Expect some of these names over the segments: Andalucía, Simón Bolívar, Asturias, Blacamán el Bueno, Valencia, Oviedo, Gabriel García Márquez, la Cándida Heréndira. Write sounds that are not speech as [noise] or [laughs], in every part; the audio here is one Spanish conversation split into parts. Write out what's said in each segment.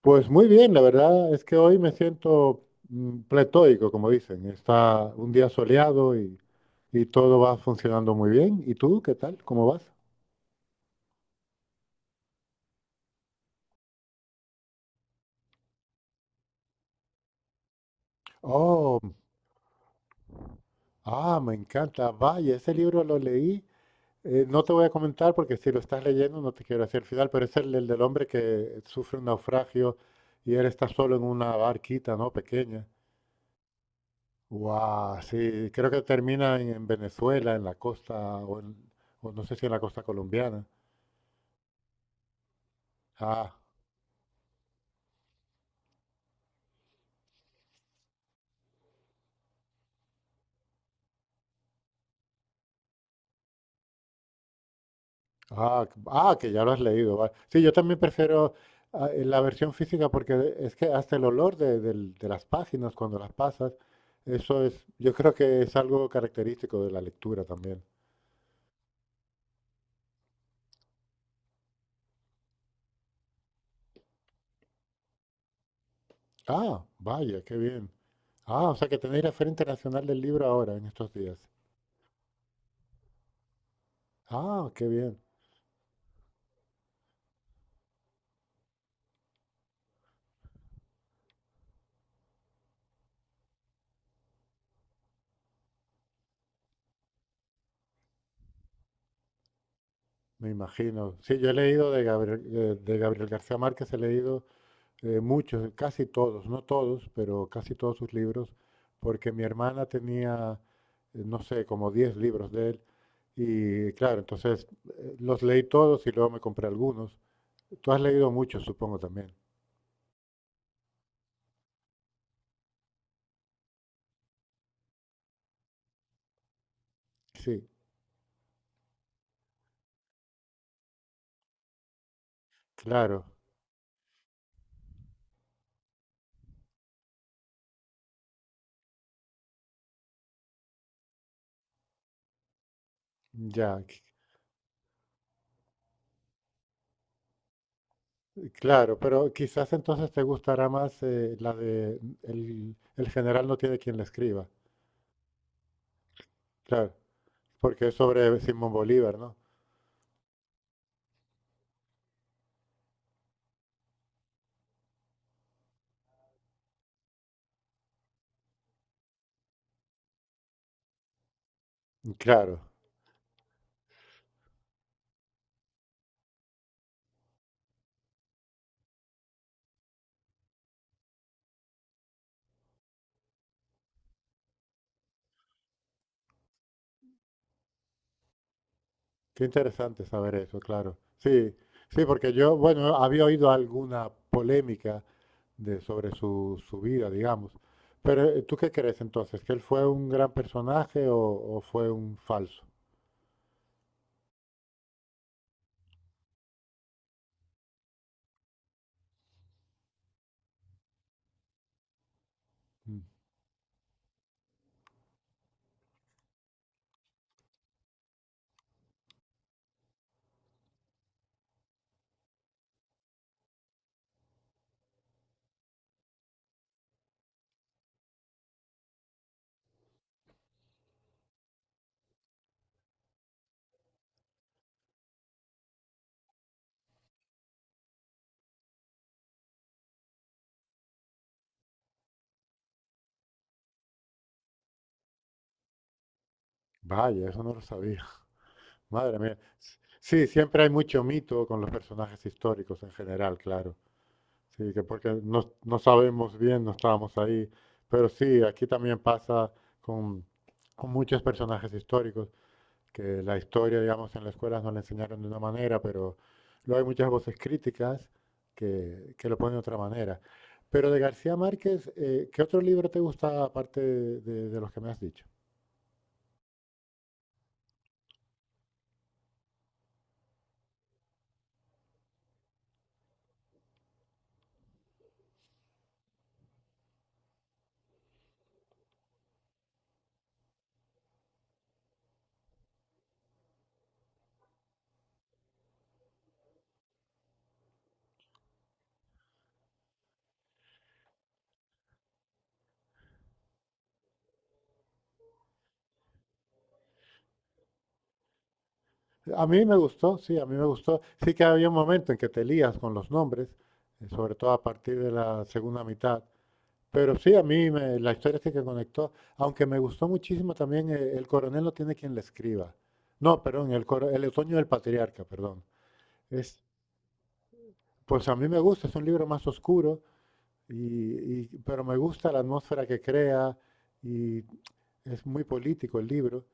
Pues muy bien, la verdad es que hoy me siento pletóico, como dicen. Está un día soleado y todo va funcionando muy bien. ¿Y tú qué tal? ¿Cómo vas? Oh, ah, me encanta. Vaya, ese libro lo leí. No te voy a comentar porque si lo estás leyendo no te quiero decir el final, pero es el del hombre que sufre un naufragio y él está solo en una barquita, ¿no? Pequeña. Guau, sí, creo que termina en Venezuela, en la costa, o, en- o no sé si en la costa colombiana. Ah. Ah, que ya lo has leído. Va. Sí, yo también prefiero, la versión física porque es que hasta el olor de las páginas cuando las pasas, eso es, yo creo que es algo característico de la lectura también. Ah, vaya, qué bien. Ah, o sea que tenéis la Feria Internacional del Libro ahora, en estos días. Ah, qué bien, me imagino. Sí, yo he leído de Gabriel García Márquez, he leído, muchos, casi todos, no todos, pero casi todos sus libros, porque mi hermana tenía, no sé, como 10 libros de él, y claro, entonces, los leí todos y luego me compré algunos. Tú has leído muchos, supongo también. Sí, claro, ya, claro, pero quizás entonces te gustará más, la de el general no tiene quien le escriba, claro, porque es sobre Simón Bolívar, ¿no? Claro. Qué interesante saber eso, claro. Sí, sí, porque yo, bueno, había oído alguna polémica sobre su vida, digamos. Pero, ¿tú qué crees entonces? ¿Que él fue un gran personaje o fue un falso? Mm, Vaya, eso no lo sabía. [laughs] Madre mía. Sí, siempre hay mucho mito con los personajes históricos en general, claro. Sí, que porque no sabemos bien, no estábamos ahí. Pero sí, aquí también pasa con, con muchos personajes históricos. Que la historia, digamos, en la escuela nos la enseñaron de una manera, pero luego hay muchas voces críticas que lo ponen de otra manera. Pero de García Márquez, ¿qué otro libro te gusta aparte de los que me has dicho? A mí me gustó, sí, a mí me gustó. Sí que había un momento en que te lías con los nombres, sobre todo a partir de la segunda mitad. Pero sí, la historia sí que conectó, aunque me gustó muchísimo también, El coronel no tiene quien le escriba. No, perdón, el otoño del patriarca, perdón. Es, Pues a mí me gusta, es un libro más oscuro, pero me gusta la atmósfera que crea y es muy político el libro.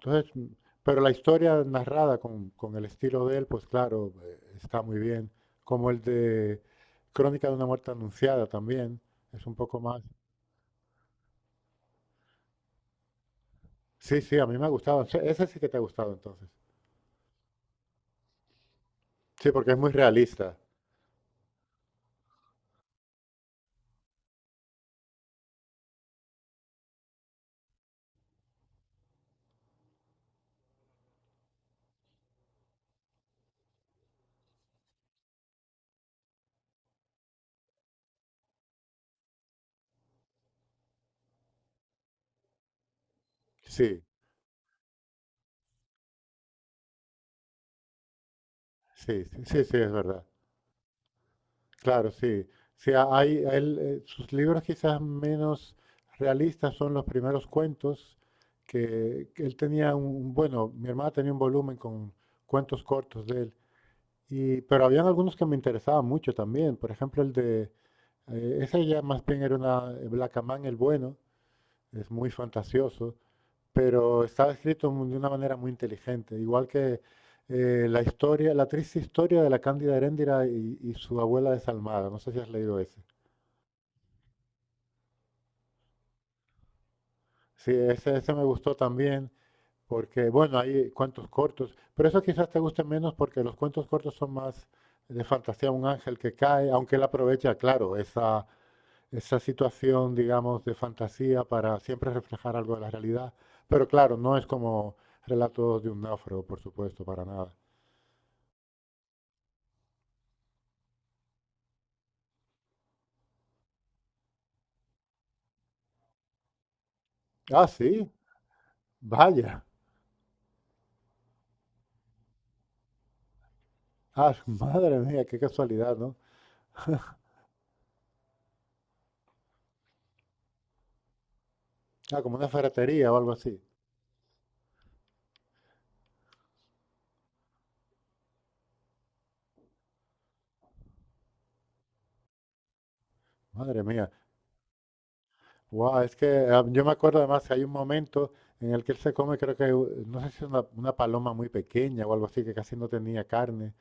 Entonces, pero la historia narrada con el estilo de él, pues claro, está muy bien. Como el de Crónica de una muerte anunciada también, es un poco más. Sí, sí, a mí me ha gustado. Ese sí que te ha gustado entonces. Sí, porque es muy realista. Sí, sí, sí, sí, sí, es verdad. Claro, sí. Sí, hay, a él, sus libros quizás menos realistas son los primeros cuentos que él tenía bueno, mi hermana tenía un volumen con cuentos cortos de él, y, pero habían algunos que me interesaban mucho también, por ejemplo el ese ya más bien era una, Blacamán el Bueno, es muy fantasioso, pero estaba escrito, de una manera muy inteligente, igual que, la historia, la triste historia de la Cándida Heréndira y su abuela desalmada, no sé si has leído ese. Sí, ese me gustó también, porque bueno, hay cuentos cortos, pero eso quizás te guste menos porque los cuentos cortos son más de fantasía, un ángel que cae, aunque él aprovecha, claro, esa situación, digamos, de fantasía para siempre reflejar algo de la realidad, pero claro, no es como relatos de un náufrago, por supuesto, para nada. Ah, sí, vaya, ah, [laughs] madre mía, qué casualidad, ¿no? Ah, como una ferretería o algo así, madre mía. Guau, es que, yo me acuerdo además que hay un momento en el que él se come, creo que, no sé si es una paloma muy pequeña o algo así, que casi no tenía carne,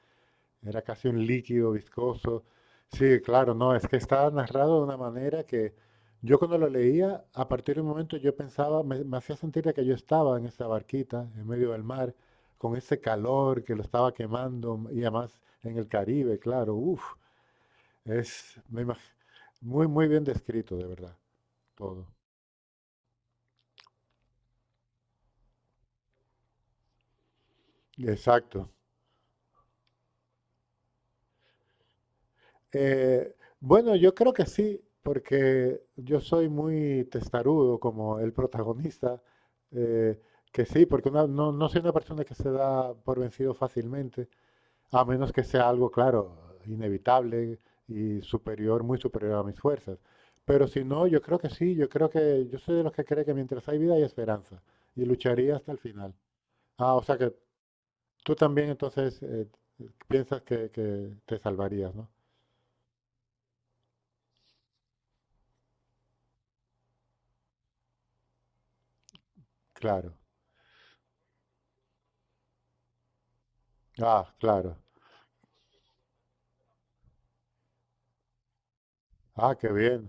era casi un líquido viscoso. Sí, claro, no, es que estaba narrado de una manera que yo cuando lo leía, a partir de un momento yo pensaba, me hacía sentir de que yo estaba en esa barquita, en medio del mar, con ese calor que lo estaba quemando, y además en el Caribe, claro, uff, es me imag- muy, muy bien descrito, de verdad, todo. Exacto. Bueno, yo creo que sí, porque yo soy muy testarudo como el protagonista, eh, que sí, porque no soy una persona que se da por vencido fácilmente, a menos que sea algo, claro, inevitable y superior, muy superior a mis fuerzas. Pero si no, yo creo que sí, yo creo que yo soy de los que cree que mientras hay vida hay esperanza y lucharía hasta el final. Ah, o sea que tú también entonces, piensas que te salvarías, ¿no? Claro. Ah, claro. Ah, qué bien.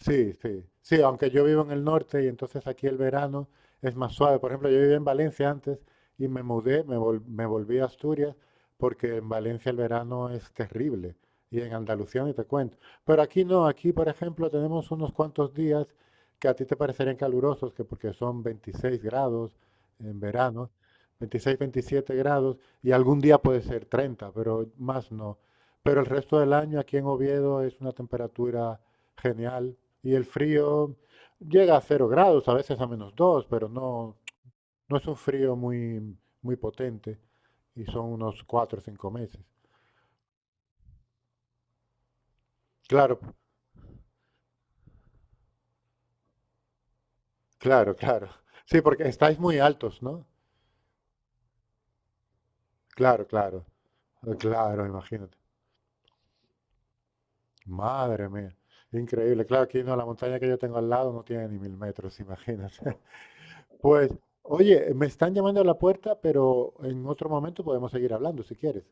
Sí, sí, sí, aunque yo vivo en el norte y entonces aquí el verano es más suave. Por ejemplo, yo vivía en Valencia antes y me mudé, me volví a Asturias porque en Valencia el verano es terrible y en Andalucía ni te cuento. Pero aquí no, aquí por ejemplo tenemos unos cuantos días que a ti te parecerían calurosos, que porque son 26 grados en verano, 26, 27 grados y algún día puede ser 30, pero más no. Pero el resto del año aquí en Oviedo es una temperatura genial. Y el frío llega a 0 grados, a veces a -2, pero no es un frío muy, muy potente y son unos 4 o 5 meses. Claro, claro, claro. Sí, porque estáis muy altos, ¿no? Claro, claro, claro, imagínate. Madre mía, increíble. Claro, aquí no, la montaña que yo tengo al lado no tiene ni 1.000 metros, imagínate. [laughs] Pues, oye, me están llamando a la puerta, pero en otro momento podemos seguir hablando si quieres.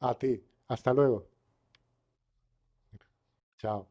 A ti, hasta luego. Chao.